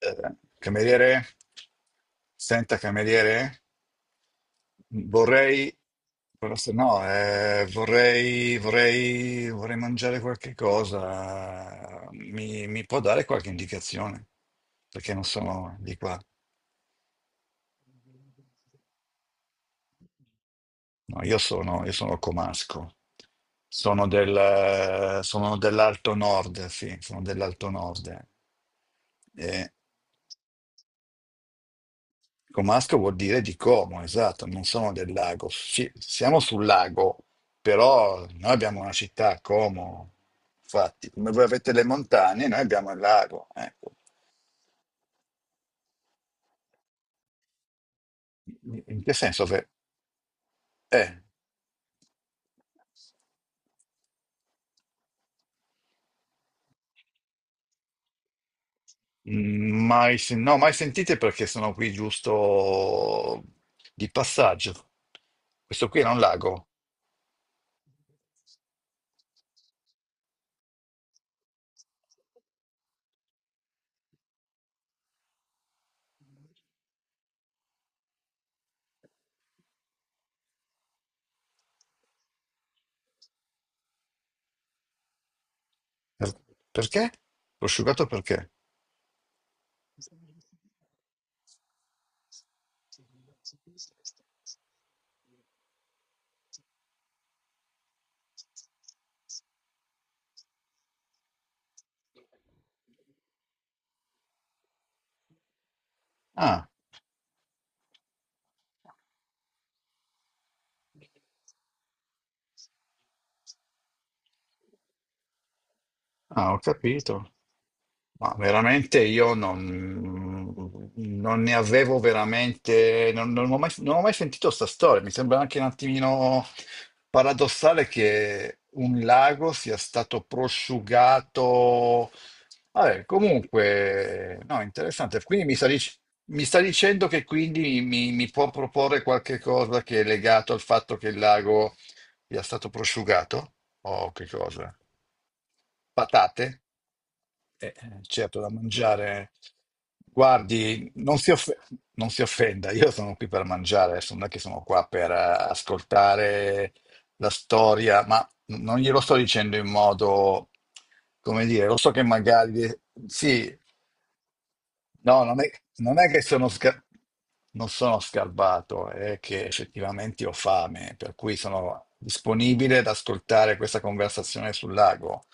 Eh, cameriere, senta cameriere, vorrei... buonasera. No, vorrei, vorrei, vorrei mangiare qualche cosa. Mi può dare qualche indicazione? Perché non sono di qua. No, io sono comasco. Sono dell'Alto Nord, sì, sono dell'Alto Nord. Comasco vuol dire di Como, esatto, non sono del lago. Sì, siamo sul lago, però noi abbiamo una città, Como. Infatti, come voi avete le montagne, noi abbiamo il lago. Ecco. In che senso? Fe- Eh, mm, mai, sen- No, mai sentite perché sono qui giusto di passaggio. Questo qui era un lago. Per- Perché? Prosciugato perché? Ah, ah, ho capito. Ma veramente io non, non ne avevo veramente, non ho mai sentito questa storia. Mi sembra anche un attimino paradossale che un lago sia stato prosciugato. Vabbè, comunque, no, interessante. Mi sta dicendo che mi può proporre qualche cosa che è legato al fatto che il lago sia stato prosciugato? O che cosa? Patate? Eh, certo, da mangiare. Guardi, non si, off- non si offenda, io sono qui per mangiare, adesso non è che sono qua per ascoltare la storia, ma non glielo sto dicendo in modo, come dire, lo so che magari sì. No, non è, non è che non sono scarbato, è che effettivamente ho fame, per cui sono disponibile ad ascoltare questa conversazione sul lago.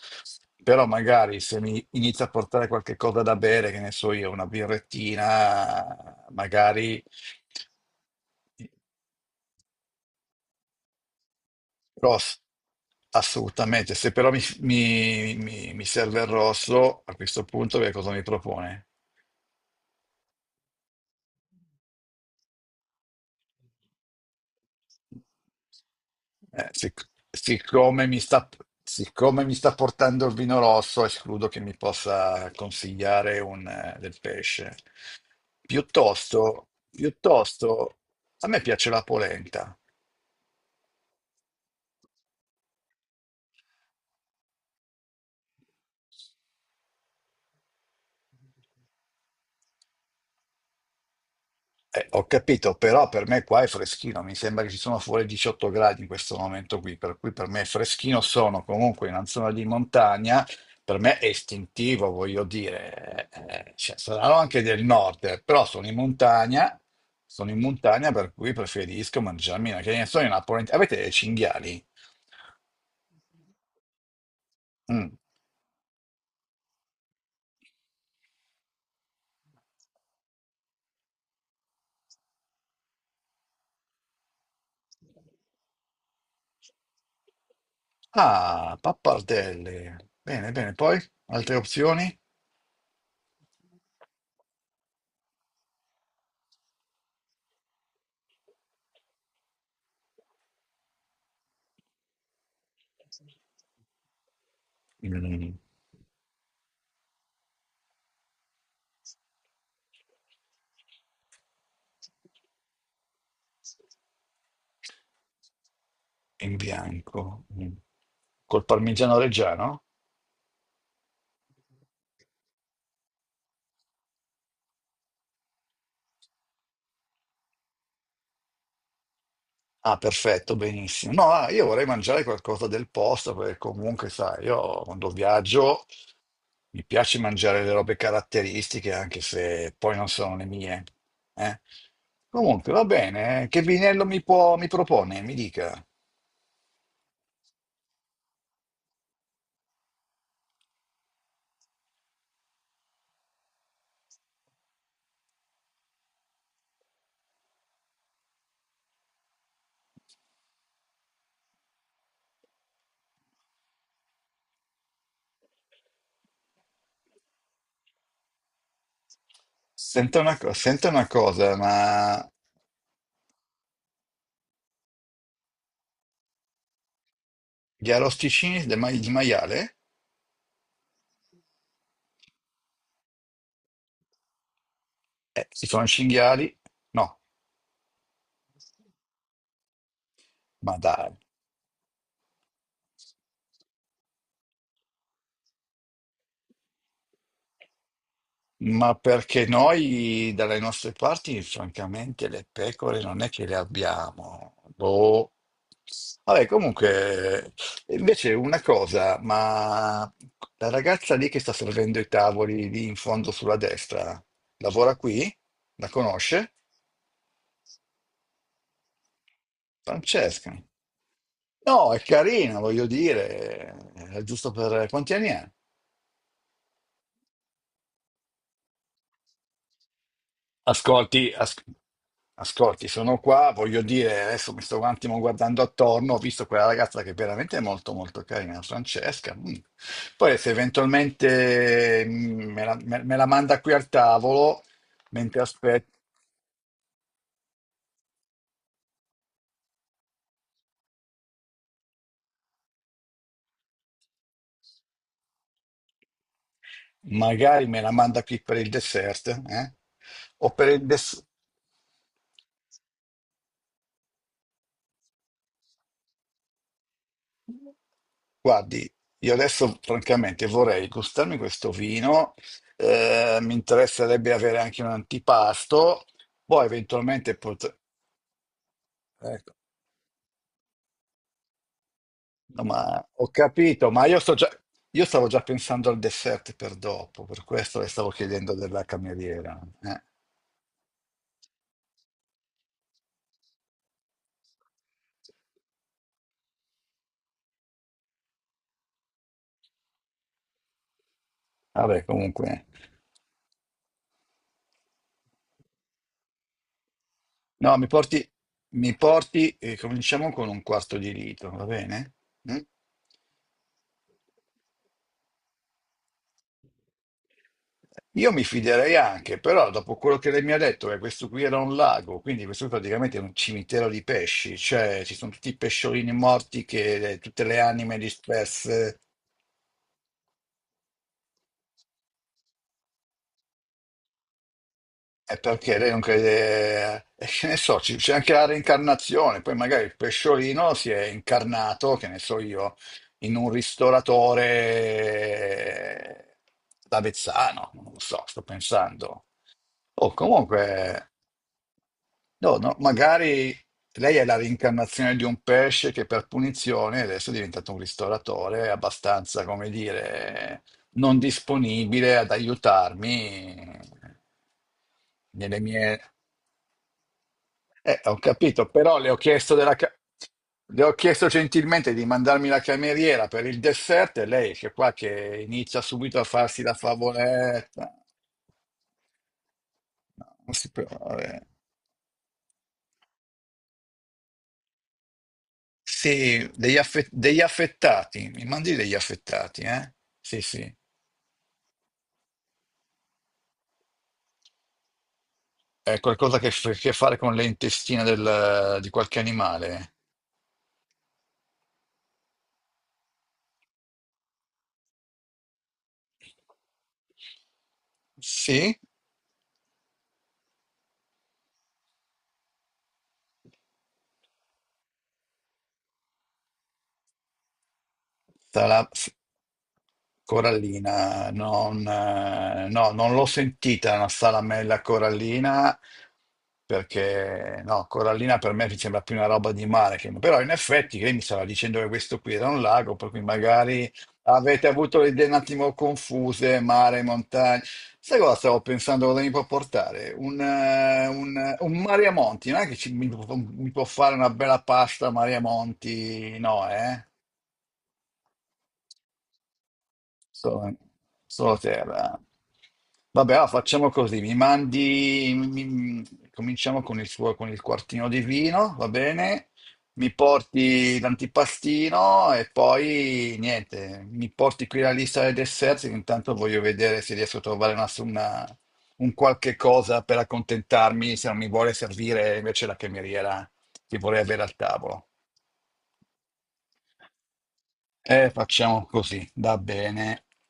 Però magari se mi inizia a portare qualche cosa da bere, che ne so io, una birrettina, magari... Rosso, assolutamente. Se però mi serve il rosso, a questo punto che cosa mi propone? Eh, sic- siccome mi sta, siccome mi sta portando il vino rosso, escludo che mi possa consigliare del pesce. Piuttosto, a me piace la polenta. Ho capito, però per me qua è freschino, mi sembra che ci sono fuori 18 gradi in questo momento qui, per cui per me è freschino, sono comunque in una zona di montagna, per me è istintivo, voglio dire, cioè, saranno anche del nord, però sono in montagna per cui preferisco mangiarmi una, che ne so, una polenta. Avete dei cinghiali? Mm. Ah, pappardelle. Bene, bene, poi altre opzioni? Mm. In bianco. Mm. Col parmigiano reggiano? Ah, perfetto, benissimo. No, ah, io vorrei mangiare qualcosa del posto perché comunque, sai, io quando viaggio mi piace mangiare le robe caratteristiche, anche se poi non sono le mie. Eh. Comunque, va bene. Che vinello mi propone? Mi dica. Senta una cosa, ma gli arrosticini del ma- di maiale? Si sono cinghiali? No, ma dai. Ma perché noi dalle nostre parti, francamente, le pecore non è che le abbiamo. Boh. Vabbè, comunque, invece una cosa, ma la ragazza lì che sta servendo i tavoli lì in fondo sulla destra, lavora qui? La conosce? Francesca. No, è carina, voglio dire, è giusto per... Quanti anni ha? Ascolti, as- Ascolti, sono qua, voglio dire, adesso mi sto un attimo guardando attorno, ho visto quella ragazza che è veramente è molto molto carina, Francesca. Mm. Poi se eventualmente me la manda qui al tavolo, mentre aspetto, magari me la manda qui per il dessert, eh? O per il dessert. Guardi, io adesso francamente vorrei gustarmi questo vino, mi interesserebbe avere anche un antipasto, poi eventualmente potrei... No, ma ho capito, ma io stavo già pensando al dessert per dopo, per questo le stavo chiedendo della cameriera. Vabbè, comunque. No, mi porti cominciamo con un quarto di litro, va bene? Mm? Io mi fiderei anche, però dopo quello che lei mi ha detto, che questo qui era un lago, quindi questo qui praticamente è un cimitero di pesci, cioè ci sono tutti i pesciolini morti, che, tutte le anime disperse. È perché lei non crede, che ne so, c'è anche la reincarnazione, poi magari il pesciolino si è incarnato, che ne so io, in un ristoratore d'Avezzano, non lo so, sto pensando. O comunque, no, no, magari lei è la reincarnazione di un pesce che per punizione adesso è diventato un ristoratore abbastanza, come dire, non disponibile ad aiutarmi nelle mie... Eh, ho capito, però le ho chiesto gentilmente di mandarmi la cameriera per il dessert e lei che qua che inizia subito a farsi la favoletta. No, non si può, vabbè. Degli affettati, mi mandi degli affettati, eh? Sì, sì. È qualcosa che ha a che fare con le intestine di qualche animale. Sì? Sarà F- corallina, non, no, non l'ho sentita una salamella corallina perché no, corallina per me mi sembra più una roba di mare, che... però in effetti lei mi stava dicendo che questo qui era un lago, per cui magari avete avuto le idee un attimo confuse, mare, montagna. Sai cosa stavo pensando cosa mi può portare? Un Mariamonti, non è che mi può mi può fare una bella pasta Mariamonti, no, eh? Solo, solo terra. Vabbè, allora facciamo così, mi mandi, mi- mi- cominciamo con il suo, con il quartino di vino, va bene? Mi porti l'antipastino e poi niente, mi porti qui la lista dei dessert, che intanto voglio vedere se riesco a trovare un qualche cosa per accontentarmi, se non mi vuole servire invece la cameriera che vorrei avere al tavolo. E facciamo così, va bene.